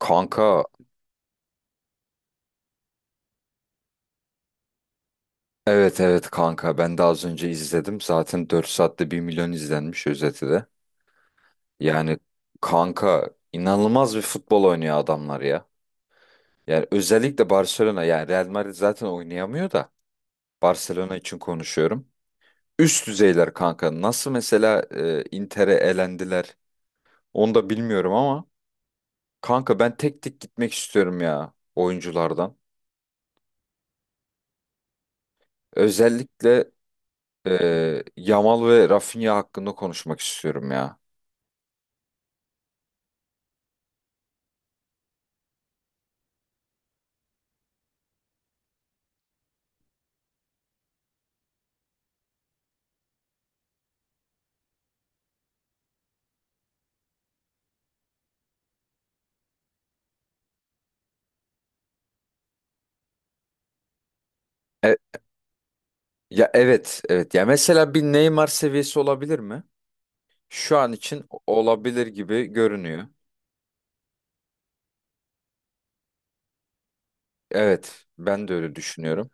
Kanka evet evet kanka ben de az önce izledim. Zaten 4 saatte 1 milyon izlenmiş özeti de. Yani kanka inanılmaz bir futbol oynuyor adamlar ya. Yani özellikle Barcelona yani Real Madrid zaten oynayamıyor da Barcelona için konuşuyorum. Üst düzeyler kanka. Nasıl mesela Inter'e elendiler onu da bilmiyorum ama kanka ben tek tek gitmek istiyorum ya oyunculardan. Özellikle Yamal ve Rafinha hakkında konuşmak istiyorum ya. E, Ya evet, evet. Ya mesela bir Neymar seviyesi olabilir mi? Şu an için olabilir gibi görünüyor. Evet, ben de öyle düşünüyorum.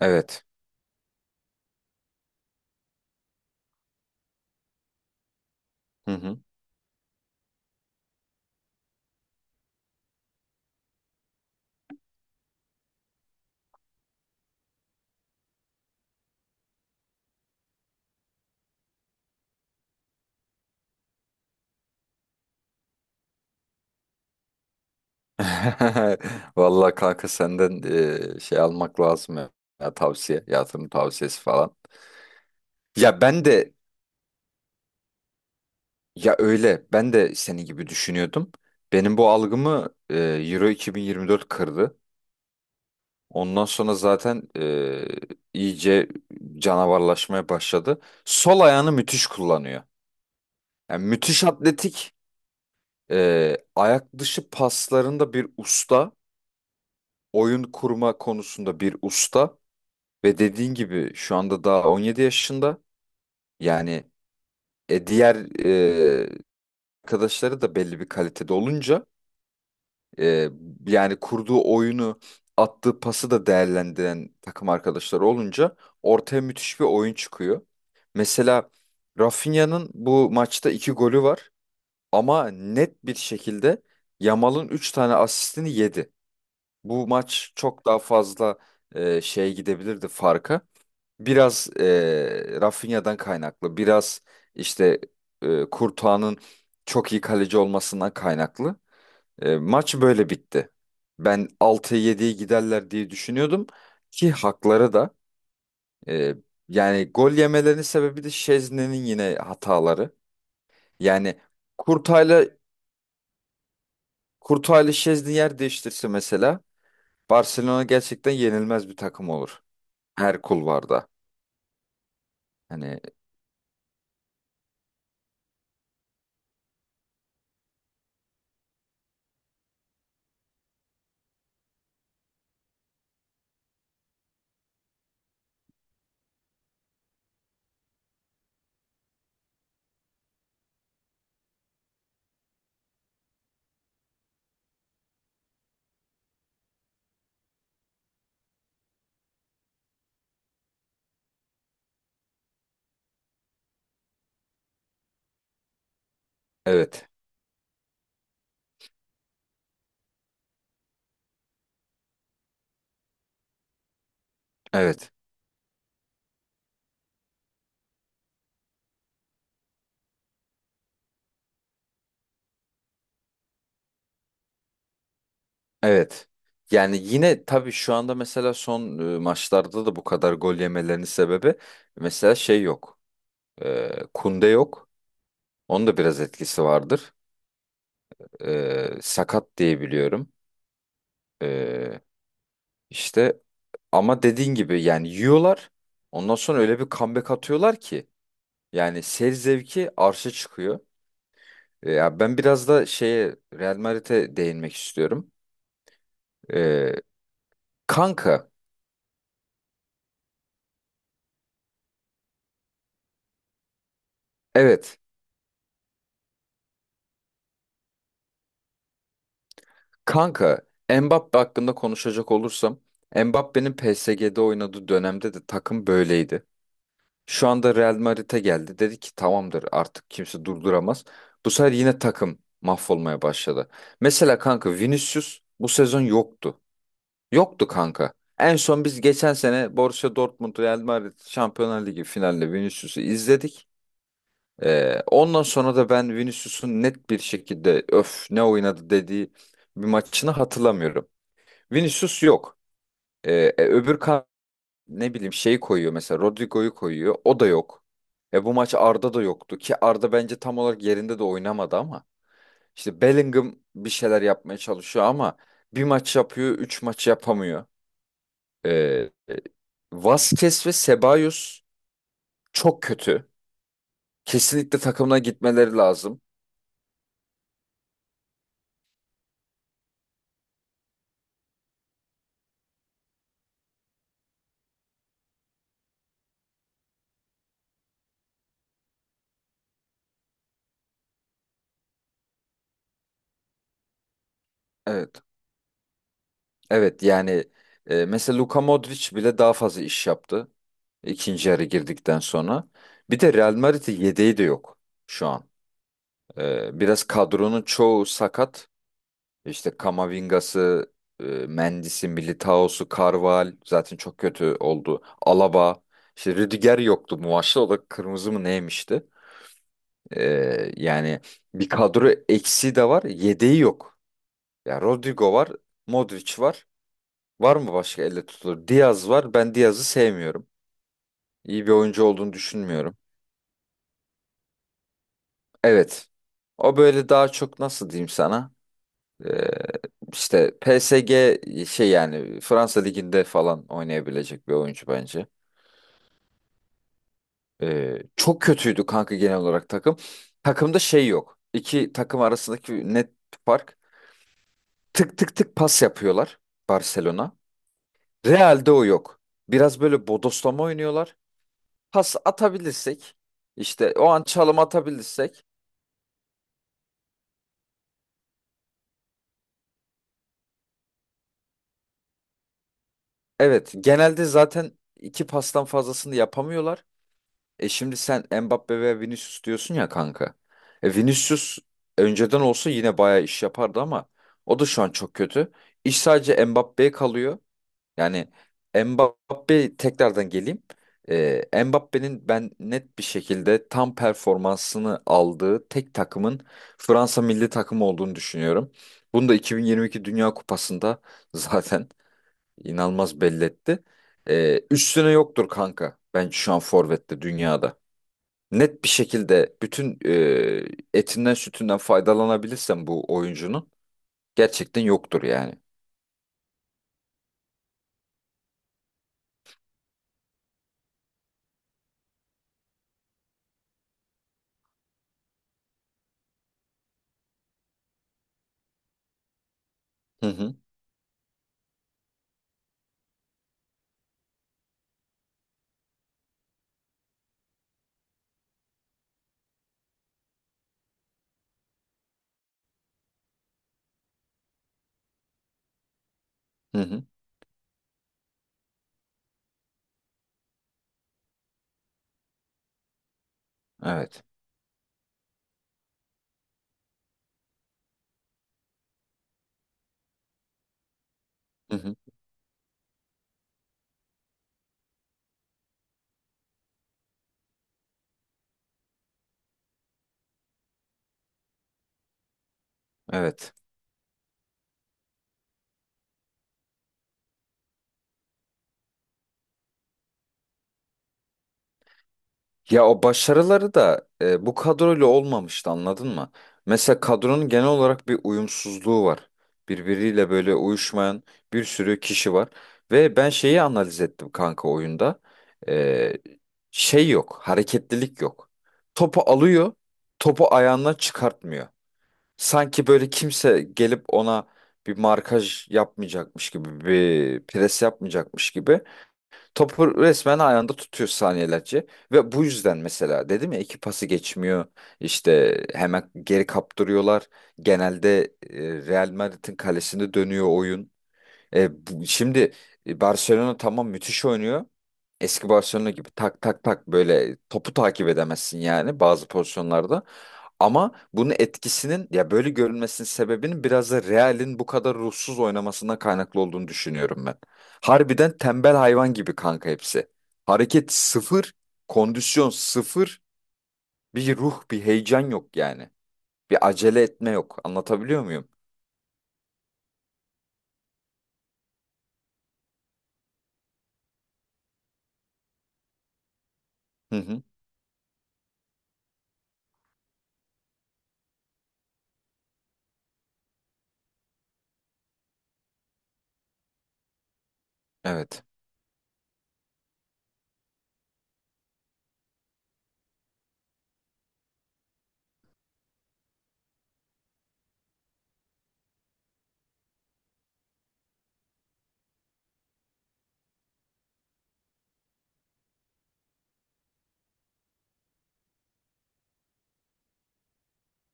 Evet. Hı hı. Vallahi kanka senden şey almak lazım ya. Ya tavsiye, yatırım tavsiyesi falan. Ya ben de ya öyle, ben de senin gibi düşünüyordum. Benim bu algımı Euro 2024 kırdı. Ondan sonra zaten iyice canavarlaşmaya başladı. Sol ayağını müthiş kullanıyor. Yani müthiş atletik, ayak dışı paslarında bir usta, oyun kurma konusunda bir usta ve dediğin gibi şu anda daha 17 yaşında. Yani diğer e, arkadaşları da belli bir kalitede olunca Ee, yani kurduğu oyunu, attığı pası da değerlendiren takım arkadaşları olunca ortaya müthiş bir oyun çıkıyor. Mesela Rafinha'nın bu maçta iki golü var ama net bir şekilde Yamal'ın üç tane asistini yedi. Bu maç çok daha fazla şeye gidebilirdi farka. Biraz Rafinha'dan kaynaklı, biraz işte Courtois'ın çok iyi kaleci olmasından kaynaklı. Maç böyle bitti. Ben 6-7'yi giderler diye düşünüyordum ki hakları da e, yani gol yemelerinin sebebi de Şezni'nin yine hataları. Yani Kurtay'la Kurtay'la Şezni yer değiştirse mesela Barcelona gerçekten yenilmez bir takım olur. Her kulvarda. Hani evet. Evet. Evet. Yani yine tabii şu anda mesela son maçlarda da bu kadar gol yemelerinin sebebi mesela şey yok. Kunde yok. Onun da biraz etkisi vardır. Sakat diye biliyorum. Ee, işte ama dediğin gibi yani yiyorlar. Ondan sonra öyle bir comeback atıyorlar ki yani seyir zevki arşa çıkıyor. Ya ben biraz da şeye Real Madrid'e değinmek istiyorum. Ee, kanka evet kanka Mbappe hakkında konuşacak olursam Mbappe'nin PSG'de oynadığı dönemde de takım böyleydi. Şu anda Real Madrid'e geldi. Dedi ki tamamdır artık kimse durduramaz. Bu sefer yine takım mahvolmaya başladı. Mesela kanka Vinicius bu sezon yoktu. Yoktu kanka. En son biz geçen sene Borussia Dortmund Real Madrid Şampiyonlar Ligi finalinde Vinicius'u izledik. Ondan sonra da ben Vinicius'un net bir şekilde öf ne oynadı dediği bir maçını hatırlamıyorum. Vinicius yok. Öbür ne bileyim şey koyuyor mesela Rodrigo'yu koyuyor. O da yok. Bu maç Arda da yoktu ki Arda bence tam olarak yerinde de oynamadı ama işte Bellingham bir şeyler yapmaya çalışıyor ama bir maç yapıyor, üç maç yapamıyor. E, e, Vasquez ve Ceballos çok kötü. Kesinlikle takımına gitmeleri lazım. Evet. Evet yani mesela Luka Modric bile daha fazla iş yaptı ikinci yarı girdikten sonra. Bir de Real Madrid'in yedeği de yok şu an. Biraz kadronun çoğu sakat. İşte Kamavinga'sı, Mendis'i, Militao'su, Carval zaten çok kötü oldu. Alaba, işte Rüdiger yoktu bu maçta. O da kırmızı mı neymişti? Yani bir kadro eksiği de var, yedeği yok. Ya Rodrigo var, Modric var. Var mı başka elle tutulur? Diaz var. Ben Diaz'ı sevmiyorum. İyi bir oyuncu olduğunu düşünmüyorum. Evet. O böyle daha çok nasıl diyeyim sana? Ee, işte PSG şey yani Fransa Ligi'nde falan oynayabilecek bir oyuncu bence. Çok kötüydü kanka genel olarak takım. Takımda şey yok. İki takım arasındaki net fark. Tık tık tık pas yapıyorlar Barcelona. Real'de o yok. Biraz böyle bodoslama oynuyorlar. Pas atabilirsek işte o an çalım atabilirsek evet genelde zaten iki pastan fazlasını yapamıyorlar. Şimdi sen Mbappe ve Vinicius diyorsun ya kanka. Vinicius önceden olsa yine bayağı iş yapardı ama o da şu an çok kötü. İş sadece Mbappe'ye kalıyor. Yani Mbappe tekrardan geleyim. Mbappe'nin ben net bir şekilde tam performansını aldığı tek takımın Fransa milli takımı olduğunu düşünüyorum. Bunu da 2022 Dünya Kupası'nda zaten inanılmaz belli etti. Üstüne yoktur kanka. Bence şu an forvette dünyada net bir şekilde bütün etinden sütünden faydalanabilirsem bu oyuncunun gerçekten yoktur yani. Hı hı. Hı hı. Evet. Hı hı. Evet. Ya o başarıları da bu kadroyla olmamıştı anladın mı? Mesela kadronun genel olarak bir uyumsuzluğu var. Birbiriyle böyle uyuşmayan bir sürü kişi var. Ve ben şeyi analiz ettim kanka oyunda. E, şey yok, hareketlilik yok. Topu alıyor, topu ayağından çıkartmıyor. Sanki böyle kimse gelip ona bir markaj yapmayacakmış gibi, bir pres yapmayacakmış gibi topu resmen ayağında tutuyor saniyelerce. Ve bu yüzden mesela dedim ya iki pası geçmiyor, işte hemen geri kaptırıyorlar. Genelde Real Madrid'in kalesinde dönüyor oyun. Şimdi Barcelona tamam müthiş oynuyor. Eski Barcelona gibi tak tak tak böyle topu takip edemezsin yani bazı pozisyonlarda. Ama bunun etkisinin ya böyle görünmesinin sebebinin biraz da Real'in bu kadar ruhsuz oynamasından kaynaklı olduğunu düşünüyorum ben. Harbiden tembel hayvan gibi kanka hepsi. Hareket sıfır, kondisyon sıfır, bir ruh, bir heyecan yok yani. Bir acele etme yok. Anlatabiliyor muyum? Hı hı. Evet.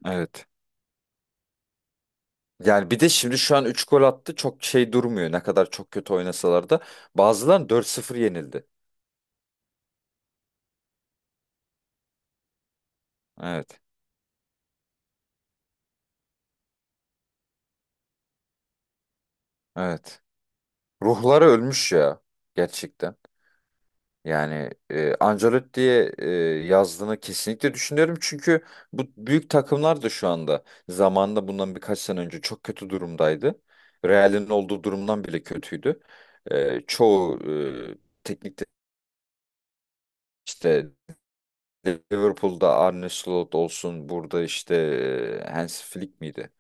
Evet. Yani bir de şimdi şu an 3 gol attı. Çok şey durmuyor. Ne kadar çok kötü oynasalar da. Bazıları 4-0 yenildi. Evet. Evet. Ruhları ölmüş ya. Gerçekten. Yani Ancelotti'ye yazdığını kesinlikle düşünüyorum. Çünkü bu büyük takımlar da şu anda zamanında bundan birkaç sene önce çok kötü durumdaydı. Real'in olduğu durumdan bile kötüydü. Çoğu e, teknik de- işte Liverpool'da Arne Slot olsun burada işte Hansi Flick miydi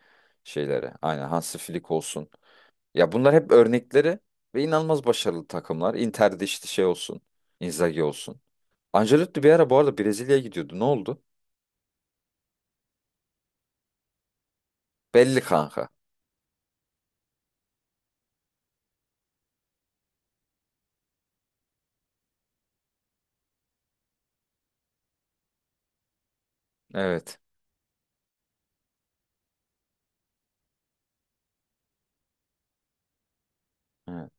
şeylere? Aynen Hansi Flick olsun. Ya bunlar hep örnekleri ve inanılmaz başarılı takımlar. Inter'de işte şey olsun. Inzaghi olsun. Ancelotti bir ara bu arada Brezilya'ya gidiyordu. Ne oldu? Belli kanka. Evet. Evet.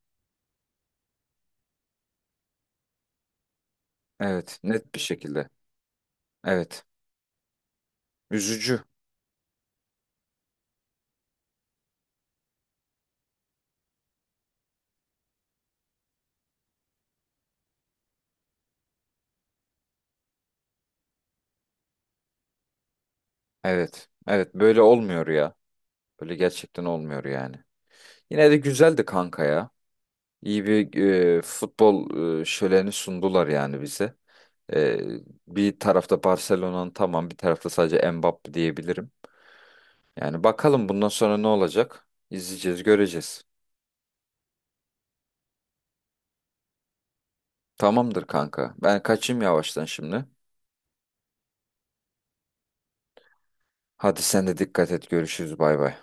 Evet. Net bir şekilde. Evet. Üzücü. Evet. Evet. Böyle olmuyor ya. Böyle gerçekten olmuyor yani. Yine de güzeldi kanka ya. İyi bir futbol şöleni sundular yani bize. E, bir tarafta Barcelona'nın tamam bir tarafta sadece Mbappe diyebilirim. Yani bakalım bundan sonra ne olacak? İzleyeceğiz, göreceğiz. Tamamdır kanka. Ben kaçayım yavaştan şimdi. Hadi sen de dikkat et. Görüşürüz. Bay bay.